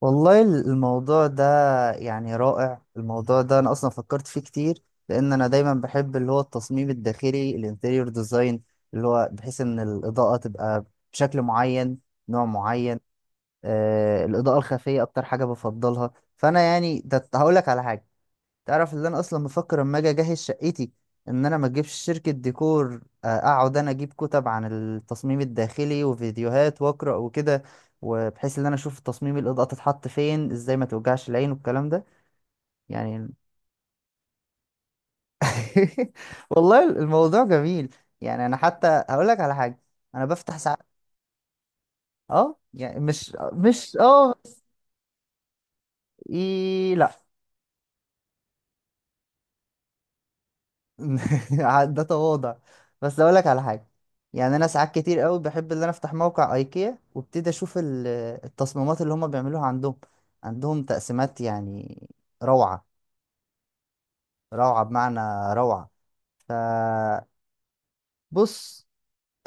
والله الموضوع ده، يعني رائع الموضوع ده. انا اصلا فكرت فيه كتير، لان انا دايما بحب اللي هو التصميم الداخلي، الانتيريور ديزاين، اللي هو بحيث ان الاضاءة تبقى بشكل معين، نوع معين. الاضاءة الخفية اكتر حاجة بفضلها. فانا يعني ده هقول لك على حاجة. تعرف اللي انا اصلا بفكر اما اجي اجهز شقتي، ان انا ما اجيبش شركة ديكور، اقعد انا اجيب كتب عن التصميم الداخلي وفيديوهات واقرا وكده، وبحيث ان انا اشوف تصميم الاضاءة تتحط فين ازاي، ما توجعش العين والكلام ده يعني. والله الموضوع جميل. يعني انا حتى هقول لك على حاجة، انا بفتح ساعات. اه يعني مش اه. إيه لا. ده تواضع. بس اقول لك على حاجه، يعني انا ساعات كتير قوي بحب ان انا افتح موقع ايكيا وابتدي اشوف التصميمات اللي هم بيعملوها عندهم. عندهم تقسيمات يعني، روعه روعه بمعنى، روعه. ف بص،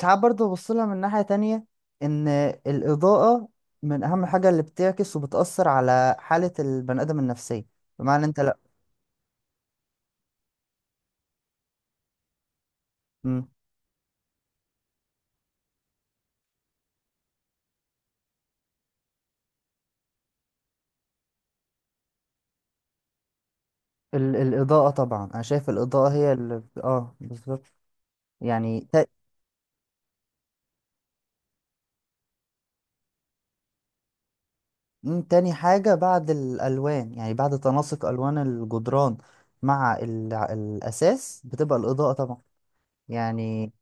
ساعات برضه ببص لها من ناحيه تانية، ان الاضاءه من اهم حاجه اللي بتعكس وبتاثر على حاله البني ادم النفسيه. بمعنى انت، لا. مم. الاضاءه طبعا، انا شايف الاضاءه هي اللي بالظبط يعني. مم، تاني حاجة بعد الألوان، يعني بعد تناسق ألوان الجدران مع الأساس، بتبقى الإضاءة طبعا يعني.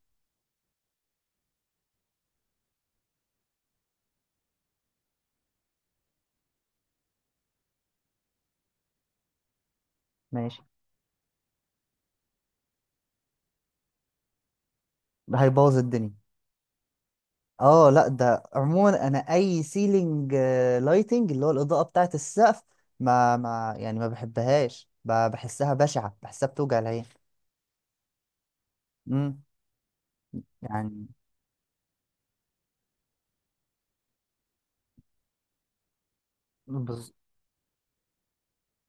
ماشي. ده هيبوظ الدنيا. اه لا، ده عموما انا اي سيلينج لايتنج، اللي هو الاضاءه بتاعه السقف، ما يعني ما بحبهاش، بحسها بشعه، بحسها بتوجع العين. امم يعني، بز...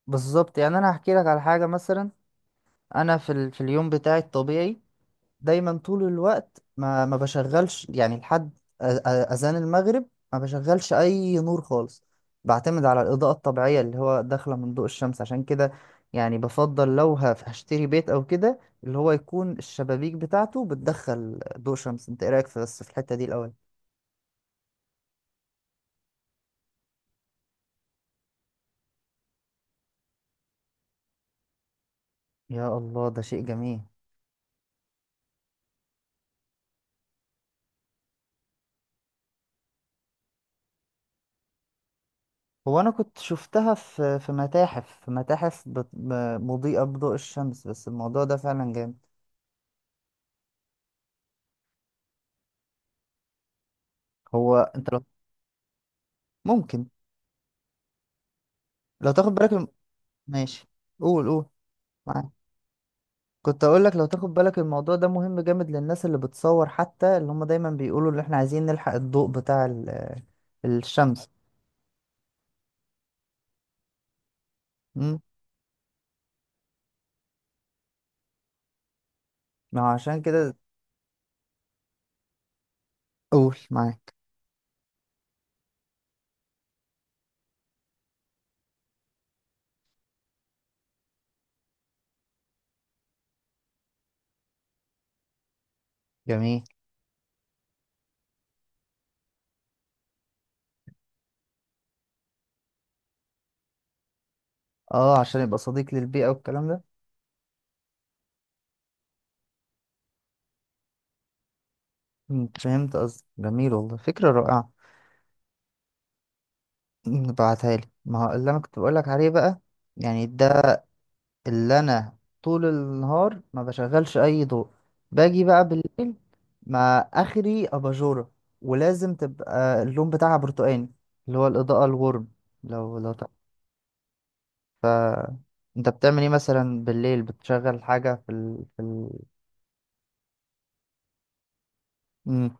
بالظبط يعني. انا هحكي لك على حاجه مثلا. انا في في اليوم بتاعي الطبيعي، دايما طول الوقت ما بشغلش يعني لحد اذان المغرب. ما بشغلش اي نور خالص. بعتمد على الاضاءه الطبيعيه اللي هو داخله من ضوء الشمس، عشان كده يعني بفضل لو هشتري بيت او كده، اللي هو يكون الشبابيك بتاعته بتدخل ضوء شمس. انت ايه رايك، في بس في الحته دي الاول؟ يا الله، ده شيء جميل. هو انا كنت شفتها في متاحف، مضيئه بضوء الشمس، بس الموضوع ده فعلا جامد. هو انت لو ممكن، لو تاخد بالك. ماشي. قول قول، معاك. كنت اقول لك، لو تاخد بالك الموضوع ده مهم جامد للناس اللي بتصور، حتى اللي هم دايما بيقولوا اللي احنا عايزين نلحق الضوء بتاع الشمس. امم ما هو عشان كده. قول، معاك. جميل. اه عشان يبقى صديق للبيئة والكلام ده. مم، فهمت قصدي، جميل والله، فكرة رائعة. مم، ابعتها لي، ما هو اللي انا كنت بقول لك عليه بقى. يعني ده اللي انا طول النهار ما بشغلش اي ضوء، باجي بقى بالليل ما اخري اباجوره، ولازم تبقى اللون بتاعها برتقاني، اللي هو الاضاءة الورم. لو لو ف انت بتعمل ايه مثلا بالليل؟ بتشغل حاجة في مم.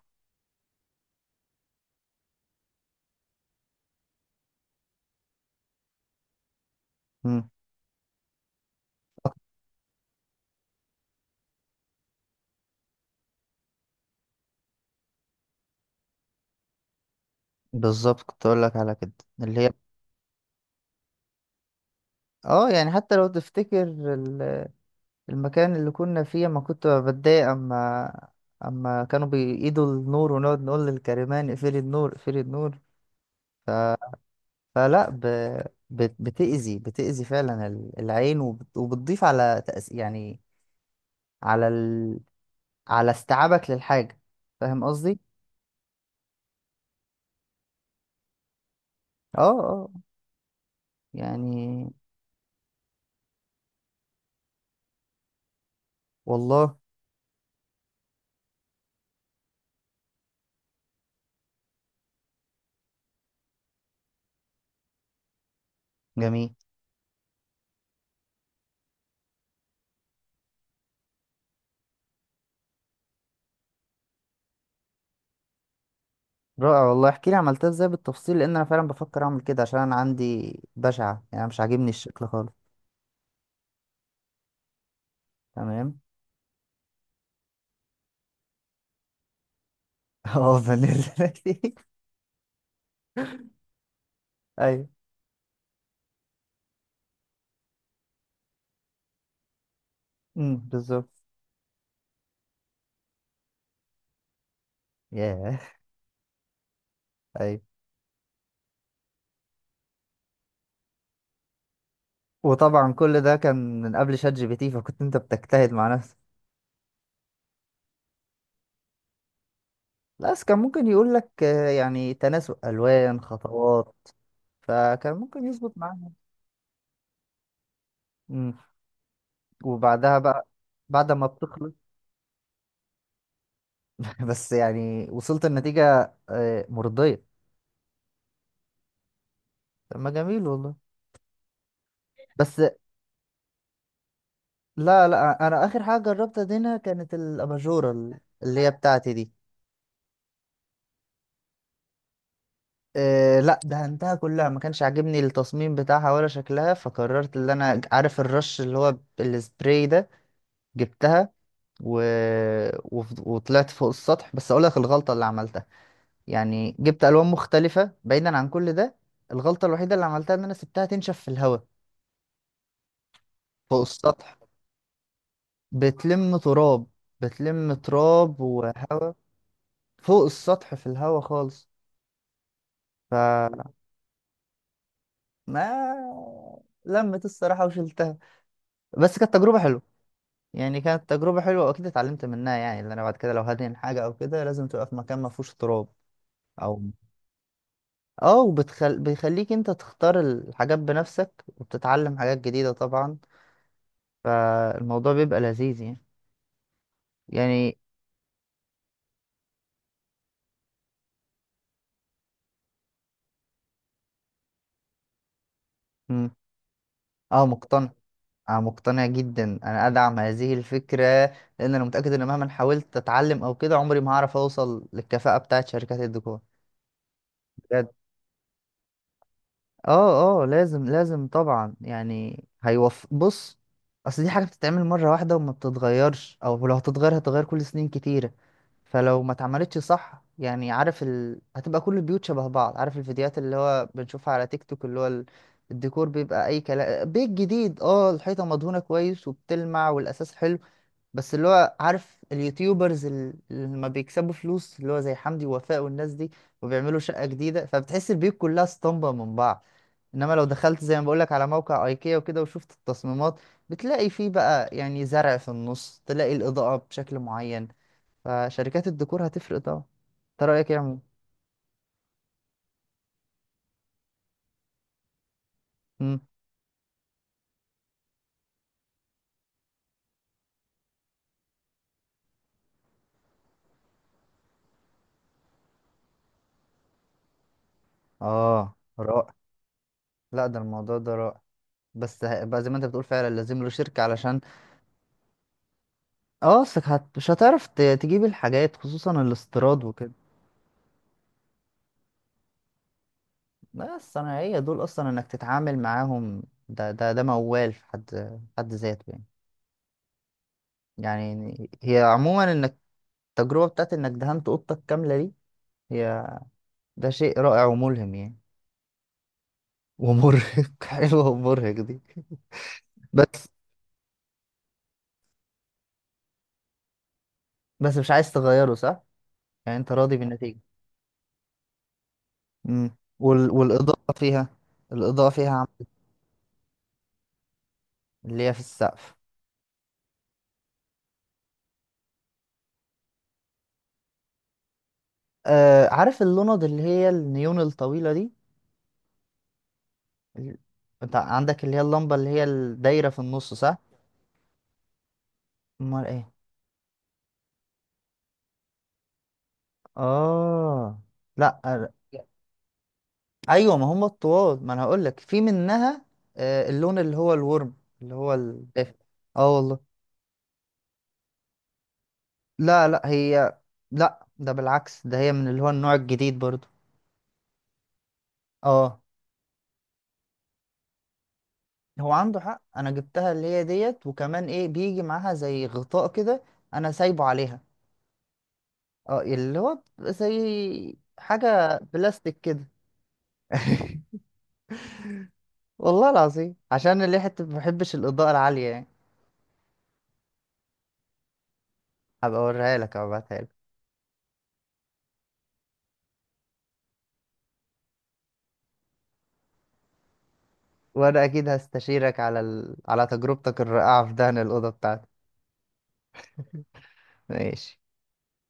مم. بالظبط، كنت اقول لك على كده، اللي هي اه يعني، حتى لو تفتكر المكان اللي كنا فيه، ما كنت بتضايق اما كانوا بيقيدوا النور، ونقعد نقول للكريمان اقفلي النور، اقفلي النور. فلا ب... بتأذي فعلا العين، وبتضيف على يعني على على استيعابك للحاجة. فاهم قصدي؟ اه، اه، يعني والله جميل. رائع والله، احكي لي عملتها ازاي بالتفصيل، لان انا فعلا بفكر اعمل كده، عشان انا عندي بشعة يعني، أنا مش عاجبني الشكل خالص. تمام. اه فانيلا. ايوه. بالظبط. ياه. ايوه. وطبعا كل ده كان من قبل شات جي بي تي، فكنت انت بتجتهد مع نفسك. لا بس كان ممكن يقول لك، يعني تناسق الوان، خطوات، فكان ممكن يظبط معانا. امم وبعدها بقى، بعد ما بتخلص. بس يعني وصلت النتيجة مرضية. طب ما جميل والله. بس لا، لا، انا اخر حاجة جربتها دينا كانت الاباجورة، اللي هي بتاعتي دي. إيه لا، دهنتها كلها، ما كانش عاجبني التصميم بتاعها ولا شكلها، فقررت ان انا، عارف الرش اللي هو السبراي ده، جبتها و... وطلعت فوق السطح. بس اقول لك الغلطة اللي عملتها، يعني جبت الوان مختلفة بعيدا عن كل ده. الغلطة الوحيدة اللي عملتها ان انا سبتها تنشف في الهواء، فوق السطح، بتلم تراب، بتلم تراب وهواء. فوق السطح، في الهواء خالص. فما لمت الصراحة، وشلتها. بس كانت تجربة حلوة. يعني كانت تجربة حلوة، وأكيد اتعلمت منها، يعني اللي أنا بعد كده لو هدهن حاجة أو كده، لازم تبقى في مكان ما فيهوش تراب. أو بيخليك أنت تختار الحاجات بنفسك، وبتتعلم حاجات جديدة طبعا. فالموضوع بيبقى لذيذ يعني. مم. أه مقتنع. أه مقتنع جدا، أنا أدعم هذه الفكرة، لأن أنا متأكد إن مهما حاولت أتعلم أو كده، عمري ما هعرف أوصل للكفاءة بتاعت شركات الديكور بجد. اه، اه، لازم لازم طبعا، يعني هيوف، بص، اصل دي حاجه بتتعمل مره واحده، وما بتتغيرش، او لو هتتغير هتتغير كل سنين كتيره. فلو ما اتعملتش صح يعني، عارف هتبقى كل البيوت شبه بعض. عارف الفيديوهات اللي هو بنشوفها على تيك توك، اللي هو الديكور بيبقى اي كلام، بيت جديد، اه الحيطه مدهونه كويس وبتلمع والاساس حلو. بس اللي هو عارف اليوتيوبرز اللي ما بيكسبوا فلوس، اللي هو زي حمدي ووفاء والناس دي، وبيعملوا شقه جديده، فبتحس البيوت كلها اسطمبه من بعض. انما لو دخلت زي ما بقولك على موقع ايكيا وكده، وشفت التصميمات، بتلاقي فيه بقى، يعني زرع في النص، تلاقي الاضاءة بشكل معين. فشركات الديكور هتفرق طبعا. انت رأيك ايه يا عمو؟ مم. اه رائع. لا، ده الموضوع ده رائع. بس بقى زي ما انت بتقول، فعلا لازم له شركة علشان. اه، اصلك مش هتعرف تجيب الحاجات، خصوصا الاستيراد وكده. لا، الصناعية دول اصلا انك تتعامل معاهم، ده موال في حد ذاته يعني. يعني هي عموما، انك، التجربة بتاعت إنك دهنت أوضتك كاملة دي، هي، ده شيء رائع وملهم يعني. ومرهق. حلوة ومرهق دي. بس بس مش عايز تغيره صح؟ يعني أنت راضي بالنتيجة. والإضاءة فيها. الإضاءة فيها عملت اللي هي في السقف؟ آه، عارف اللوند اللي هي النيون الطويلة دي، ال- أنت عندك اللي هي اللمبة اللي هي الدايرة في النص صح؟ أمال إيه؟ آه. لأ. ايوه، ما هم الطواد، ما انا هقول لك في منها. آه، اللون اللي هو الورم، اللي هو الدافئ. اه والله. لا، لا هي، لا ده بالعكس، ده هي من اللي هو النوع الجديد برضو. اه، هو عنده حق، انا جبتها اللي هي ديت، وكمان ايه بيجي معاها زي غطاء كده. انا سايبه عليها. اه، اللي هو زي حاجة بلاستيك كده. والله العظيم، عشان اللي حتة ما بحبش الإضاءة العالية يعني. هبقى اوريها لك، هبعتها لك. وانا اكيد هستشيرك على على تجربتك الرائعة في دهن الأوضة بتاعتي. ماشي.